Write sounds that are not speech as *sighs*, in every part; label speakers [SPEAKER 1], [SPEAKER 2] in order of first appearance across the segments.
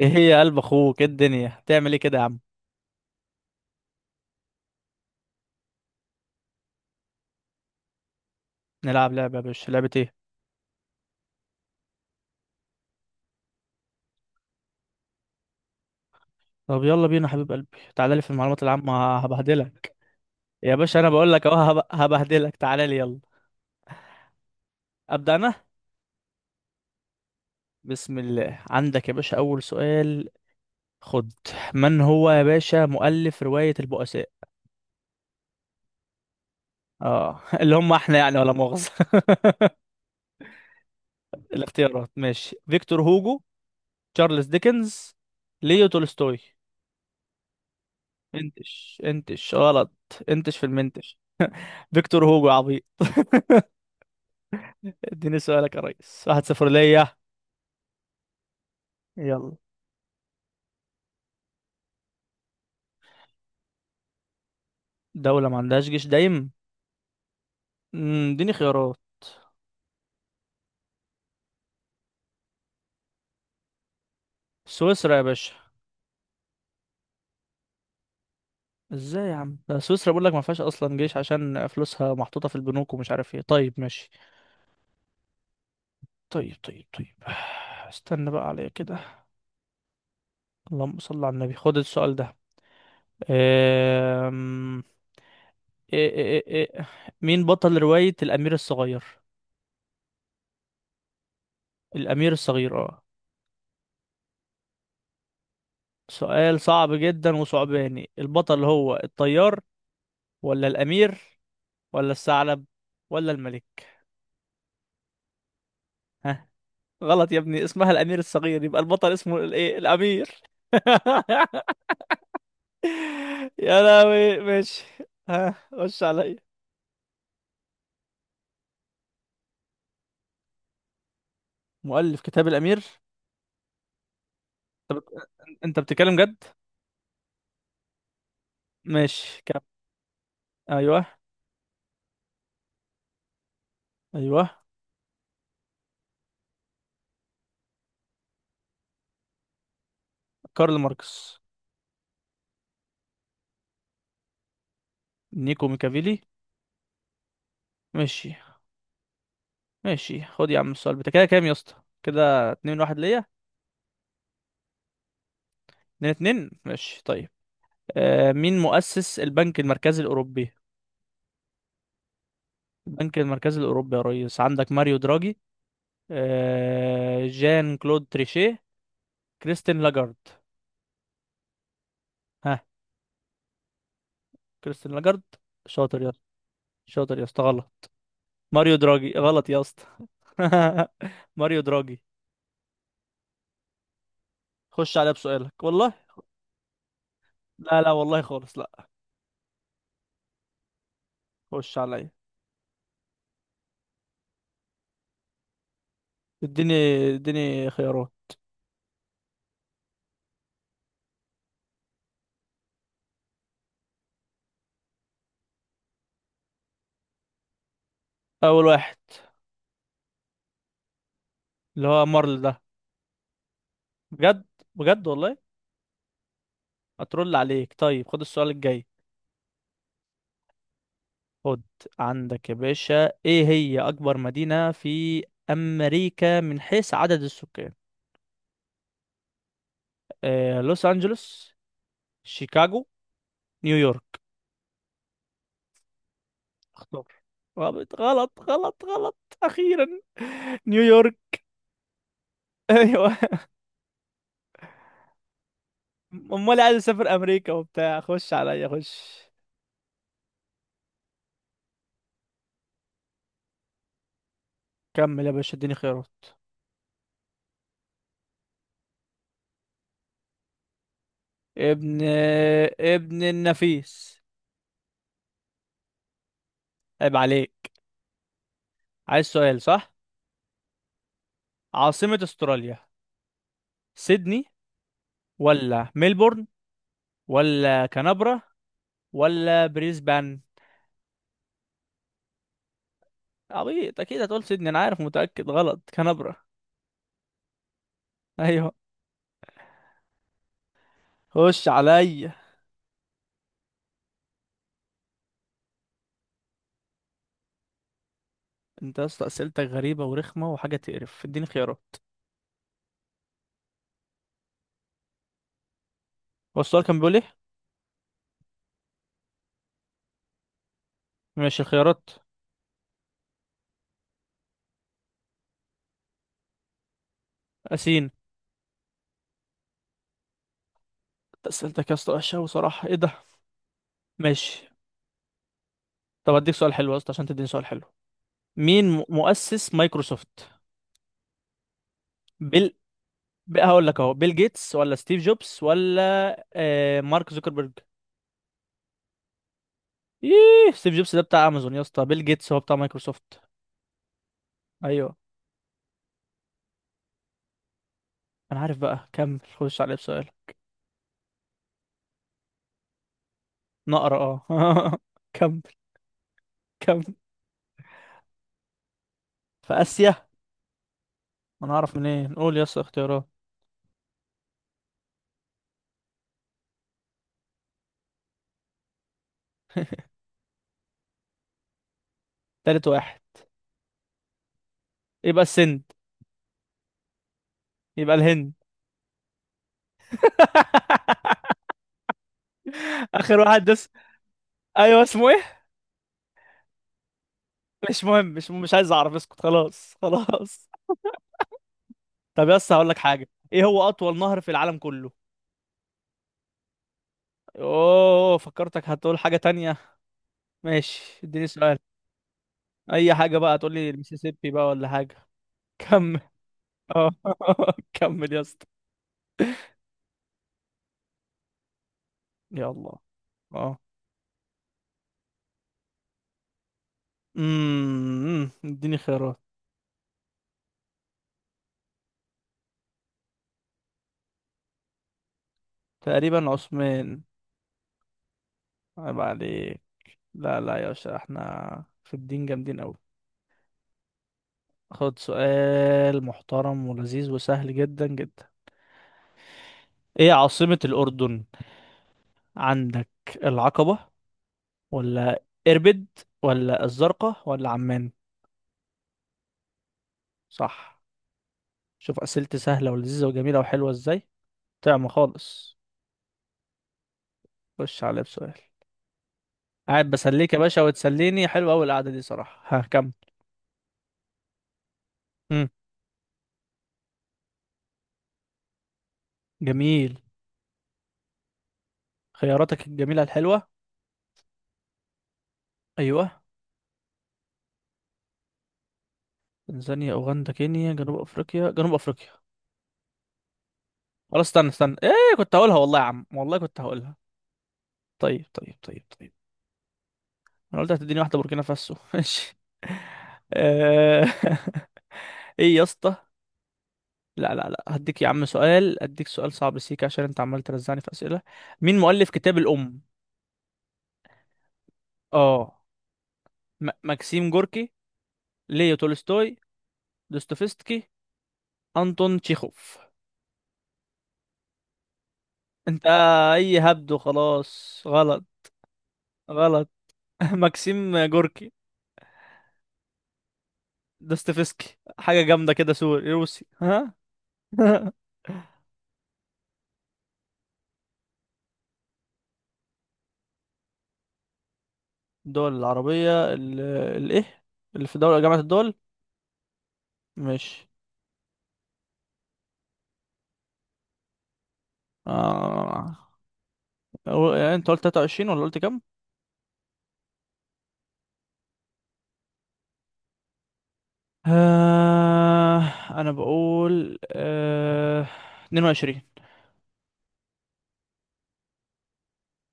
[SPEAKER 1] ايه هي يا قلب اخوك؟ ايه الدنيا هتعمل ايه كده يا عم؟ نلعب لعبه يا باشا؟ لعبه ايه؟ طب يلا بينا يا حبيب قلبي. تعالى لي في المعلومات العامه هبهدلك. يا باشا انا بقول لك اهو هبهدلك. تعالى لي يلا. ابدا انا. بسم الله. عندك يا باشا اول سؤال. خد. من هو يا باشا مؤلف روايه البؤساء؟ اه *laughs* اللي هم احنا يعني ولا مؤاخذه. *laughs* الاختيارات ماشي: فيكتور هوجو، تشارلز ديكنز، ليو تولستوي. انتش غلط. انتش في المنتش. فيكتور هوجو يا عبيط. اديني سؤالك يا ريس. واحد صفر ليا. يلا. دولة ما عندهاش جيش دايم؟ مم، اديني خيارات. سويسرا يا باشا. ازاي يا عم؟ ده سويسرا بقول لك ما فيهاش اصلا جيش عشان فلوسها محطوطة في البنوك ومش عارف ايه. طيب ماشي. طيب طيب طيب. *sighs* استنى بقى عليا كده. اللهم صل على النبي. خد السؤال ده. أم... إيه إيه إيه إيه. مين بطل رواية الأمير الصغير؟ الأمير الصغير، اه. سؤال صعب جدا وصعباني. البطل هو الطيار، ولا الأمير، ولا الثعلب، ولا الملك؟ ها. غلط يا ابني. اسمها الامير الصغير، يبقى البطل اسمه الايه؟ الامير. *laughs* يا لهوي، ماشي. ها، خش عليا. مؤلف كتاب الامير. انت بتتكلم جد؟ ماشي كم. ايوه. ايوه. كارل ماركس. نيكو ميكافيلي. ماشي. ماشي. خد يا عم السؤال بتاع كده. كام يا اسطى؟ كده اتنين واحد ليا. اتنين اتنين، ماشي طيب. آه، مين مؤسس البنك المركزي الاوروبي؟ البنك المركزي الاوروبي يا ريس. عندك ماريو دراجي، آه، جان كلود تريشيه، كريستين لاجارد. ها. كريستين لاجارد. شاطر يا اسطى. شاطر يا اسطى، غلط. ماريو دراجي، غلط يا اسطى. *laughs* ماريو دراجي. خش عليا بسؤالك والله. لا لا والله خالص، لا. خش عليا. اديني اديني خيارات. اول واحد، اللي هو مارل ده. بجد. بجد والله. اترول عليك. طيب خد السؤال الجاي. خد. عندك يا باشا، ايه هي اكبر مدينة في امريكا من حيث عدد السكان؟ آه، لوس أنجلوس، شيكاغو، نيويورك. اختار. غلط غلط غلط غلط. أخيرا. نيويورك. *laughs* أيوه. أمال عايز أسافر أمريكا وبتاع. خش عليا، خش. كمل يا باشا، اديني خيارات. ابن ابن النفيس. عيب عليك. عايز سؤال صح. عاصمة استراليا: سيدني، ولا ميلبورن، ولا كانبرا، ولا بريسبان؟ عبيط، اكيد هتقول سيدني، انا عارف. متأكد. غلط. كانبرا. ايوه. خش عليا. انت يا اسطى اسئلتك غريبه ورخمه وحاجه تقرف. اديني خيارات. هو السؤال كان بيقول ايه؟ ماشي، خيارات. اسين. اسئلتك يا اسطى وحشه، وصراحه ايه ده. ماشي. طب اديك سؤال حلو يا اسطى عشان تديني سؤال حلو. مين مؤسس مايكروسوفت؟ بيل. بقى هقول لك اهو: بيل جيتس، ولا ستيف جوبز، ولا آه، مارك زوكربيرج؟ ايه ستيف جوبز ده؟ بتاع امازون يا اسطى. بيل جيتس هو بتاع مايكروسوفت. ايوه. انا عارف بقى. كمل، خش عليه بسؤال. نقرا. اه *laughs* كمل. كمل. في اسيا. انا اعرف منين؟ قول يا اسطى اختيارات. تالت واحد. يبقى السند. يبقى الهند. *laughs* اخر واحد دس. ايوه اسمه ايه؟ مش مهم، مش عايز اعرف. اسكت خلاص خلاص. *laughs* طب يس هقول لك حاجه. ايه هو اطول نهر في العالم كله؟ اوه، فكرتك هتقول حاجه تانية. ماشي اديني سؤال. اي حاجه بقى. تقول لي المسيسيبي بقى ولا حاجه. كمل. اه *laughs* كمل يا اسطى. يلا. اه. اديني خيارات. تقريبا عثمان. عيب عليك. لا لا يا باشا، احنا في الدين جامدين أوي. خد سؤال محترم ولذيذ وسهل جدا جدا. ايه عاصمة الأردن؟ عندك العقبة، ولا إربد، ولا الزرقاء، ولا عمان؟ صح. شوف أسئلتي سهلة ولذيذة وجميلة وحلوة ازاي. طعم خالص. خش عليا بسؤال. قاعد بسليك يا باشا وتسليني. حلوة أوي القعدة دي صراحة. ها كم؟ مم. جميل. خياراتك الجميلة الحلوة. أيوه. تنزانيا، أوغندا، كينيا، جنوب أفريقيا. جنوب أفريقيا. خلاص استنى استنى، ايه كنت هقولها والله يا عم، والله كنت هقولها. طيب طيب طيب طيب. انا قلت هتديني واحده بوركينا فاسو. *laughs* ماشي. آه. *laughs* ايه يا اسطى؟ لا لا لا، هديك يا عم سؤال، اديك سؤال صعب سيك عشان انت عمال ترزعني في اسئله. مين مؤلف كتاب الام؟ اه. م ماكسيم جوركي، ليو تولستوي، دوستويفسكي، انطون تشيخوف. انت. اي هبد وخلاص. غلط. غلط. *laughs* ماكسيم جوركي. دوستويفسكي حاجه جامده كده، سوري روسي. ها. *laughs* الدول العربية الايه؟ اللي في دولة جامعة الدول. مش. آه. يعني انت قلت 23 ولا قلت كام؟ آه. انا بقول آه. 22.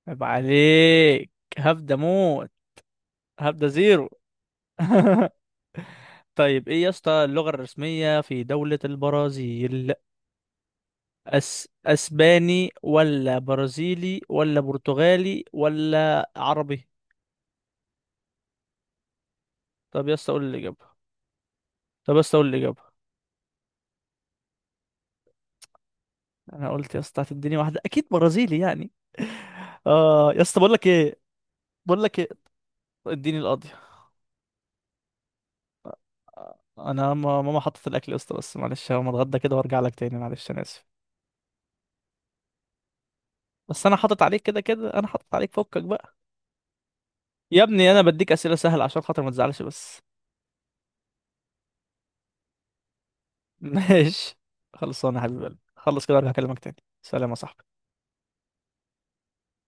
[SPEAKER 1] عيب عليك. هبدأ موت. هبدأ زيرو. *laughs* طيب ايه يا اسطى اللغة الرسمية في دولة البرازيل؟ اسباني، ولا برازيلي، ولا برتغالي، ولا عربي؟ طب يا اسطى قول الإجابة. طب يا اسطى قول الإجابة. انا قلت يا اسطى هتديني واحده اكيد برازيلي يعني. اه يا اسطى بقول لك ايه. بقول لك ايه. اديني القاضيه. انا ماما حطت الاكل يا اسطى بس معلش، هقوم اتغدى كده وارجع لك تاني معلش، انا اسف. بس انا حاطط عليك كده كده، انا حاطط عليك فكك بقى. يا ابني انا بديك اسئله سهله عشان خاطر ما تزعلش بس. *laughs* ماشي. خلصانه يا حبيب قلبي، خلص كده وارجع اكلمك تاني. سلام يا صاحبي.